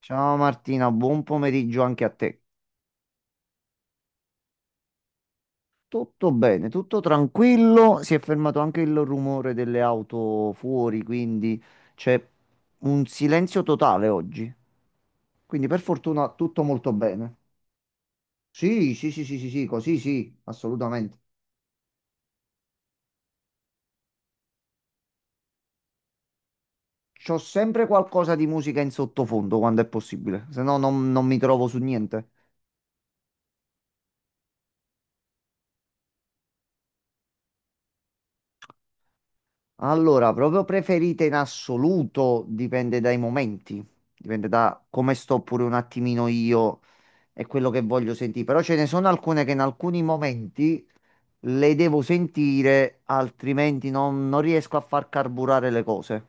Ciao Martina, buon pomeriggio anche a te. Tutto bene, tutto tranquillo. Si è fermato anche il rumore delle auto fuori, quindi c'è un silenzio totale oggi. Quindi per fortuna tutto molto bene. Sì, sì, sì, sì, sì, sì, così sì, assolutamente. C'ho sempre qualcosa di musica in sottofondo quando è possibile, se no non mi trovo su niente. Allora, proprio preferite in assoluto dipende dai momenti, dipende da come sto pure un attimino io è quello che voglio sentire. Però ce ne sono alcune che in alcuni momenti le devo sentire, altrimenti non riesco a far carburare le cose.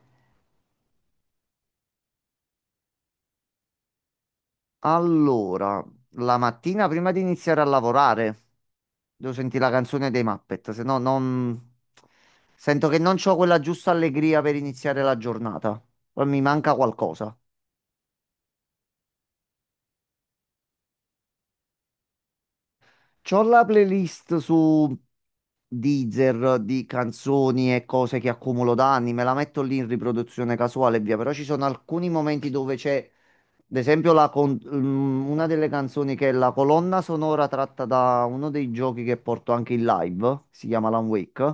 Allora, la mattina prima di iniziare a lavorare, devo sentire la canzone dei Muppet, se no non... Sento che non ho quella giusta allegria per iniziare la giornata. Poi mi manca qualcosa. C'ho la playlist su Deezer di canzoni e cose che accumulo da anni, me la metto lì in riproduzione casuale e via, però ci sono alcuni momenti dove c'è, ad esempio, una delle canzoni che è la colonna sonora tratta da uno dei giochi che porto anche in live, si chiama Alan Wake,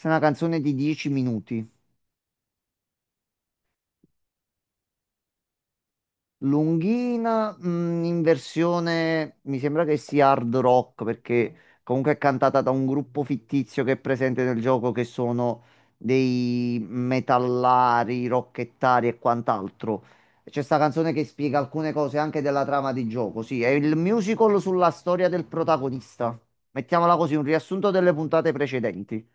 è una canzone di 10 minuti. Lunghina, in versione mi sembra che sia hard rock perché comunque è cantata da un gruppo fittizio che è presente nel gioco che sono dei metallari, rockettari e quant'altro. C'è sta canzone che spiega alcune cose anche della trama di gioco. Sì, è il musical sulla storia del protagonista. Mettiamola così, un riassunto delle puntate precedenti.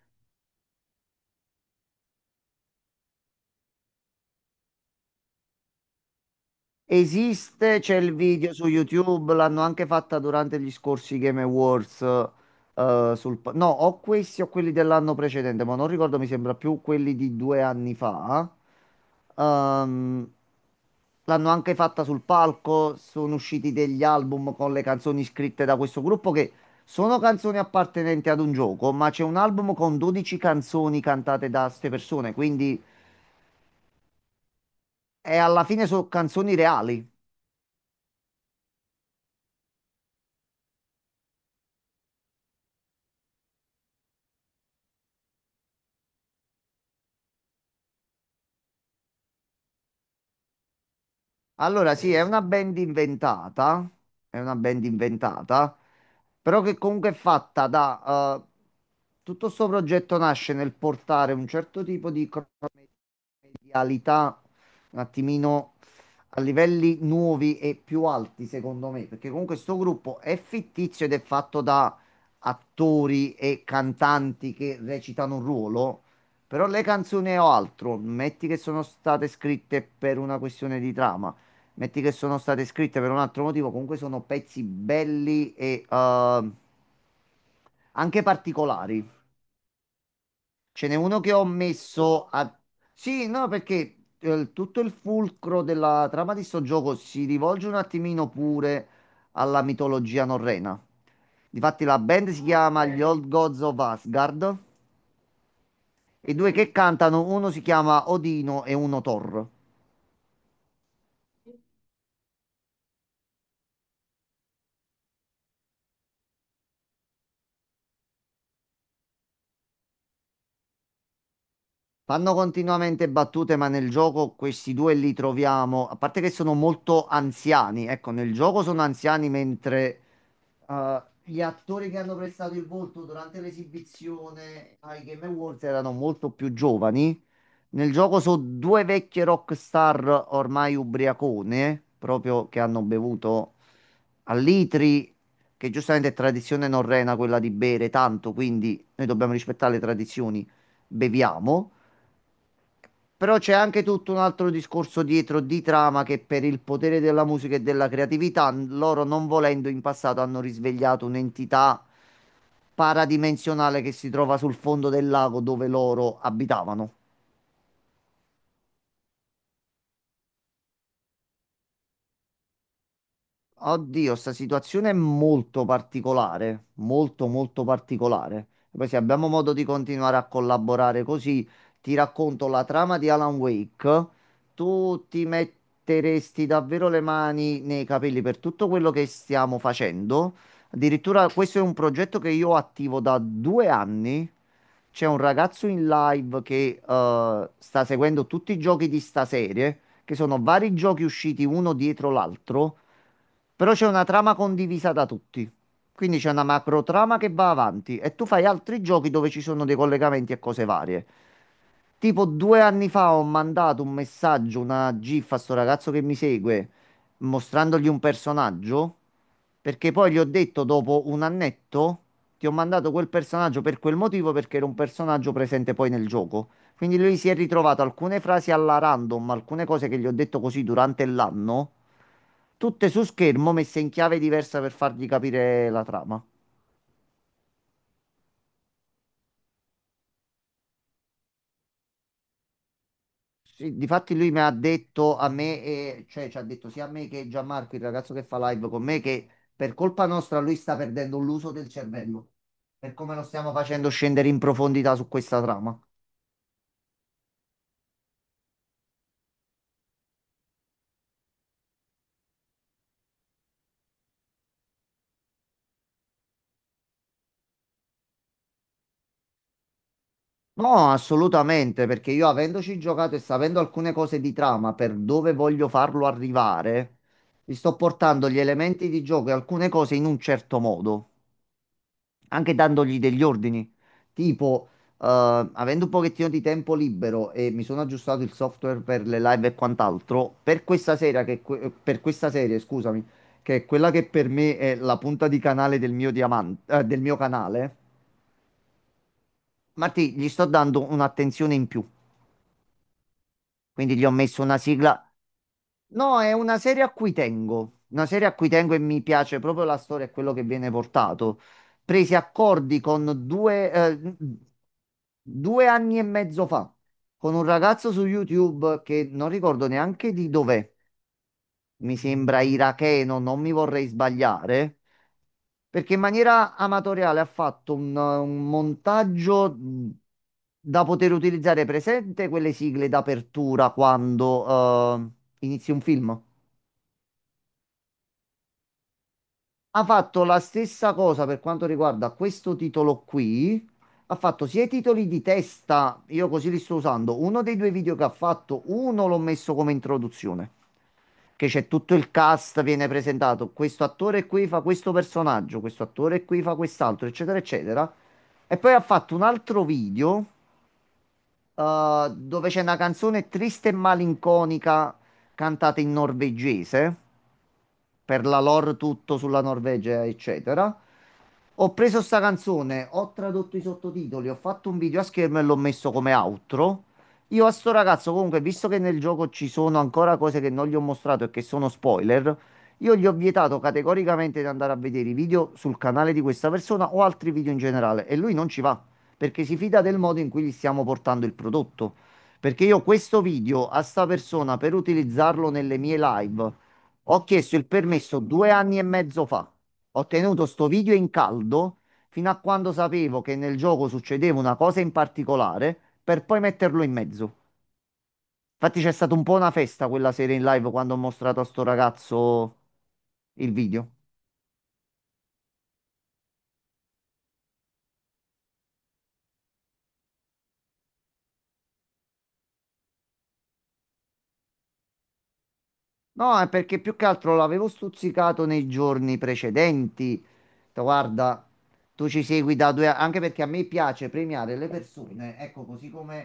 Esiste, c'è il video su YouTube, l'hanno anche fatta durante gli scorsi Game Awards. No, o questi o quelli dell'anno precedente, ma non ricordo, mi sembra più quelli di 2 anni fa. Ehm, L'hanno anche fatta sul palco, sono usciti degli album con le canzoni scritte da questo gruppo che sono canzoni appartenenti ad un gioco, ma c'è un album con 12 canzoni cantate da ste persone, quindi è alla fine sono canzoni reali. Allora, sì, è una band inventata, è una band inventata, però che comunque è fatta da... tutto sto progetto nasce nel portare un certo tipo di cronometria realità un attimino a livelli nuovi e più alti, secondo me, perché comunque questo gruppo è fittizio ed è fatto da attori e cantanti che recitano un ruolo, però le canzoni o altro, metti che sono state scritte per una questione di trama. Metti che sono state scritte per un altro motivo, comunque sono pezzi belli e anche particolari. Ce n'è uno che ho messo a... Sì, no, perché tutto il fulcro della trama di sto gioco si rivolge un attimino pure alla mitologia norrena. Difatti la band si chiama gli Ok. Old Gods of Asgard e i due che cantano, uno si chiama Odino e uno Thor. Fanno continuamente battute, ma nel gioco questi due li troviamo, a parte che sono molto anziani, ecco, nel gioco sono anziani mentre gli attori che hanno prestato il volto durante l'esibizione ai Game Awards erano molto più giovani. Nel gioco sono due vecchie rockstar ormai ubriacone, proprio che hanno bevuto a litri, che giustamente è tradizione norrena quella di bere tanto, quindi noi dobbiamo rispettare le tradizioni, beviamo. Però c'è anche tutto un altro discorso dietro di trama che per il potere della musica e della creatività, loro non volendo in passato hanno risvegliato un'entità paradimensionale che si trova sul fondo del lago dove loro abitavano. Oddio, sta situazione è molto particolare, molto molto particolare. Poi se abbiamo modo di continuare a collaborare così, ti racconto la trama di Alan Wake. Tu ti metteresti davvero le mani nei capelli per tutto quello che stiamo facendo. Addirittura questo è un progetto che io attivo da 2 anni. C'è un ragazzo in live che sta seguendo tutti i giochi di sta serie, che sono vari giochi usciti uno dietro l'altro. Però c'è una trama condivisa da tutti. Quindi c'è una macro trama che va avanti e tu fai altri giochi dove ci sono dei collegamenti e cose varie. Tipo 2 anni fa ho mandato un messaggio, una GIF a sto ragazzo che mi segue, mostrandogli un personaggio, perché poi gli ho detto dopo un annetto, ti ho mandato quel personaggio per quel motivo, perché era un personaggio presente poi nel gioco. Quindi lui si è ritrovato alcune frasi alla random, alcune cose che gli ho detto così durante l'anno, tutte su schermo messe in chiave diversa per fargli capire la trama. Sì, difatti lui mi ha detto a me, cioè ci ha detto sia a me che Gianmarco, il ragazzo che fa live con me, che per colpa nostra lui sta perdendo l'uso del cervello, per come lo stiamo facendo scendere in profondità su questa trama. No, assolutamente, perché io avendoci giocato e sapendo alcune cose di trama per dove voglio farlo arrivare, gli sto portando gli elementi di gioco e alcune cose in un certo modo, anche dandogli degli ordini. Tipo, eh, avendo un pochettino di tempo libero e mi sono aggiustato il software per le live e quant'altro, per questa sera che, per questa serie, scusami, che è quella che per me è la punta di canale del mio diamante, del mio canale, Martì, gli sto dando un'attenzione in più. Quindi gli ho messo una sigla. No, è una serie a cui tengo. Una serie a cui tengo e mi piace proprio la storia e quello che viene portato. Presi accordi con due anni e mezzo fa, con un ragazzo su YouTube che non ricordo neanche di dov'è. Mi sembra iracheno, non mi vorrei sbagliare. Perché in maniera amatoriale ha fatto un montaggio da poter utilizzare presente quelle sigle d'apertura quando inizi un film. Ha fatto la stessa cosa per quanto riguarda questo titolo qui. Ha fatto sia i titoli di testa, io così li sto usando. Uno dei due video che ha fatto, uno l'ho messo come introduzione, che c'è tutto il cast, viene presentato. Questo attore qui fa questo personaggio, questo attore qui fa quest'altro, eccetera, eccetera. E poi ha fatto un altro video, dove c'è una canzone triste e malinconica cantata in norvegese per la lore tutto sulla Norvegia, eccetera. Ho preso sta canzone, ho tradotto i sottotitoli, ho fatto un video a schermo e l'ho messo come outro. Io a sto ragazzo, comunque, visto che nel gioco ci sono ancora cose che non gli ho mostrato e che sono spoiler, io gli ho vietato categoricamente di andare a vedere i video sul canale di questa persona o altri video in generale e lui non ci va perché si fida del modo in cui gli stiamo portando il prodotto. Perché io questo video a sta persona per utilizzarlo nelle mie live ho chiesto il permesso 2 anni e mezzo fa. Ho tenuto sto video in caldo fino a quando sapevo che nel gioco succedeva una cosa in particolare per poi metterlo in mezzo. Infatti c'è stata un po' una festa quella sera in live quando ho mostrato a sto ragazzo il video. No, è perché più che altro l'avevo stuzzicato nei giorni precedenti. Ho detto, Guarda, tu ci segui da 2 anni, anche perché a me piace premiare le persone, ecco, così come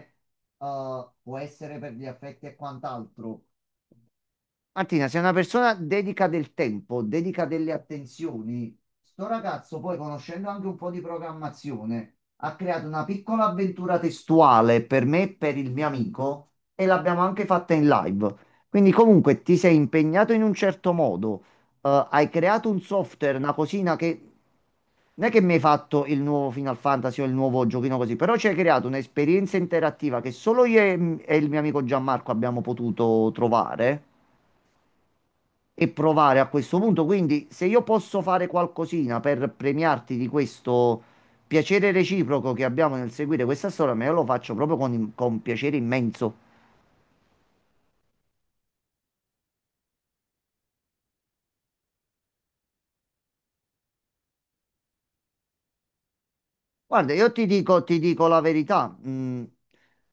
può essere per gli affetti e quant'altro. Martina, sei una persona dedica del tempo, dedica delle attenzioni. Sto ragazzo, poi conoscendo anche un po' di programmazione, ha creato una piccola avventura testuale per me e per il mio amico e l'abbiamo anche fatta in live. Quindi comunque ti sei impegnato in un certo modo, hai creato un software, una cosina che non è che mi hai fatto il nuovo Final Fantasy o il nuovo giochino così, però ci hai creato un'esperienza interattiva che solo io e il mio amico Gianmarco abbiamo potuto trovare e provare a questo punto. Quindi, se io posso fare qualcosina per premiarti di questo piacere reciproco che abbiamo nel seguire questa storia, me lo faccio proprio con piacere immenso. Guarda, io ti dico la verità,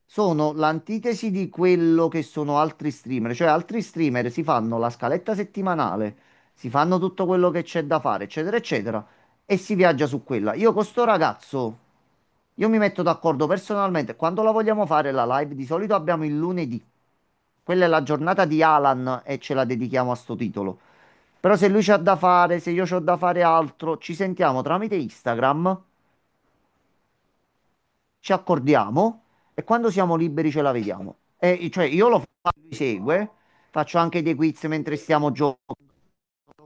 sono l'antitesi di quello che sono altri streamer, cioè altri streamer si fanno la scaletta settimanale, si fanno tutto quello che c'è da fare, eccetera, eccetera, e si viaggia su quella. Io con sto ragazzo, io mi metto d'accordo personalmente, quando la vogliamo fare la live, di solito abbiamo il lunedì, quella è la giornata di Alan e ce la dedichiamo a sto titolo. Però se lui c'ha da fare, se io c'ho da fare altro, ci sentiamo tramite Instagram ci accordiamo e quando siamo liberi ce la vediamo. E, cioè, io lo faccio, lui segue, faccio anche dei quiz mentre stiamo giocando,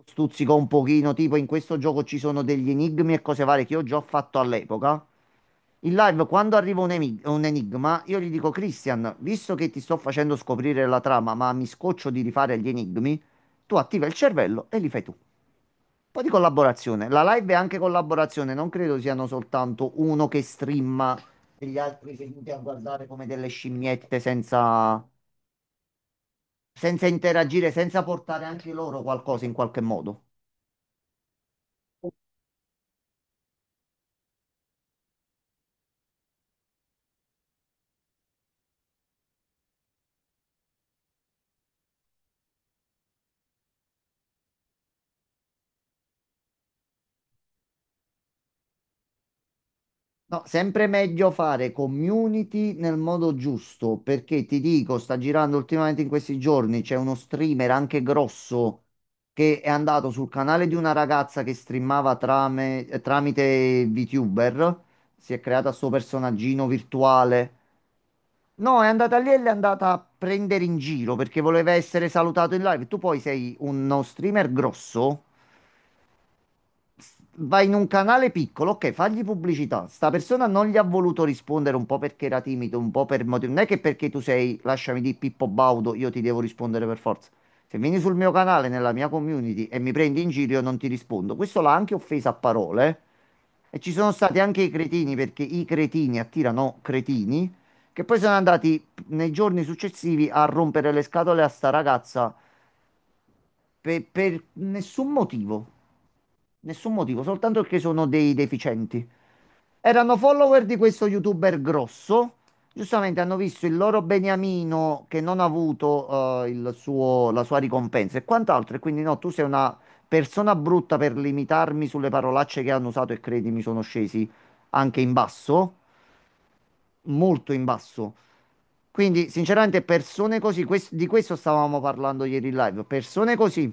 stuzzico un pochino, tipo in questo gioco ci sono degli enigmi e cose varie che io già ho fatto all'epoca. In live, quando arriva un enigma, io gli dico, Christian, visto che ti sto facendo scoprire la trama, ma mi scoccio di rifare gli enigmi, tu attiva il cervello e li fai tu po' di collaborazione. La live è anche collaborazione, non credo siano soltanto uno che streama e gli altri seduti a guardare come delle scimmiette senza interagire, senza portare anche loro qualcosa in qualche modo. No, sempre meglio fare community nel modo giusto, perché ti dico, sta girando ultimamente in questi giorni, c'è uno streamer anche grosso che è andato sul canale di una ragazza che streamava tramite VTuber, si è creata sto personaggino virtuale. No, è andata lì e l'è andata a prendere in giro perché voleva essere salutato in live. Tu poi sei uno streamer grosso vai in un canale piccolo, ok, fagli pubblicità. Sta persona non gli ha voluto rispondere un po' perché era timido, un po' per motivi. Non è che perché tu sei, lasciami di Pippo Baudo, io ti devo rispondere per forza. Se vieni sul mio canale, nella mia community e mi prendi in giro, io non ti rispondo. Questo l'ha anche offesa a parole. Eh. E ci sono stati anche i cretini, perché i cretini attirano cretini, che poi sono andati nei giorni successivi a rompere le scatole a sta ragazza per nessun motivo. Nessun motivo, soltanto perché sono dei deficienti. Erano follower di questo youtuber grosso. Giustamente hanno visto il loro beniamino che non ha avuto la sua ricompensa e quant'altro. E quindi no, tu sei una persona brutta per limitarmi sulle parolacce che hanno usato e credimi, sono scesi anche in basso, molto in basso. Quindi, sinceramente, persone così, di questo stavamo parlando ieri in live, persone così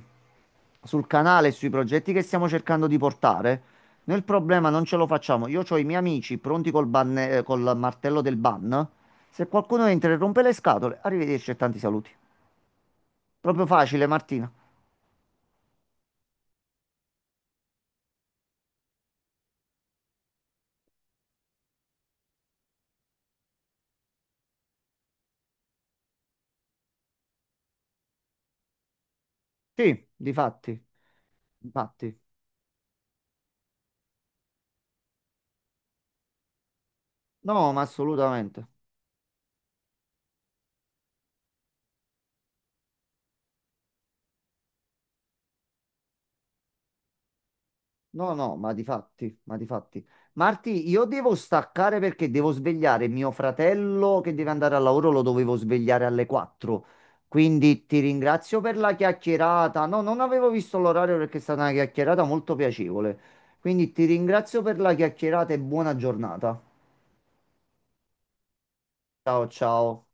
sul canale e sui progetti che stiamo cercando di portare, noi il problema non ce lo facciamo. Io ho i miei amici pronti col martello del ban. Se qualcuno entra e rompe le scatole, arrivederci e tanti saluti. Proprio facile, Martina. Sì, difatti, difatti. No, ma assolutamente. No, no, ma di fatti, ma di fatti. Marti, io devo staccare perché devo svegliare mio fratello che deve andare al lavoro, lo dovevo svegliare alle 4. Quindi ti ringrazio per la chiacchierata. No, non avevo visto l'orario perché è stata una chiacchierata molto piacevole. Quindi ti ringrazio per la chiacchierata e buona giornata. Ciao, ciao.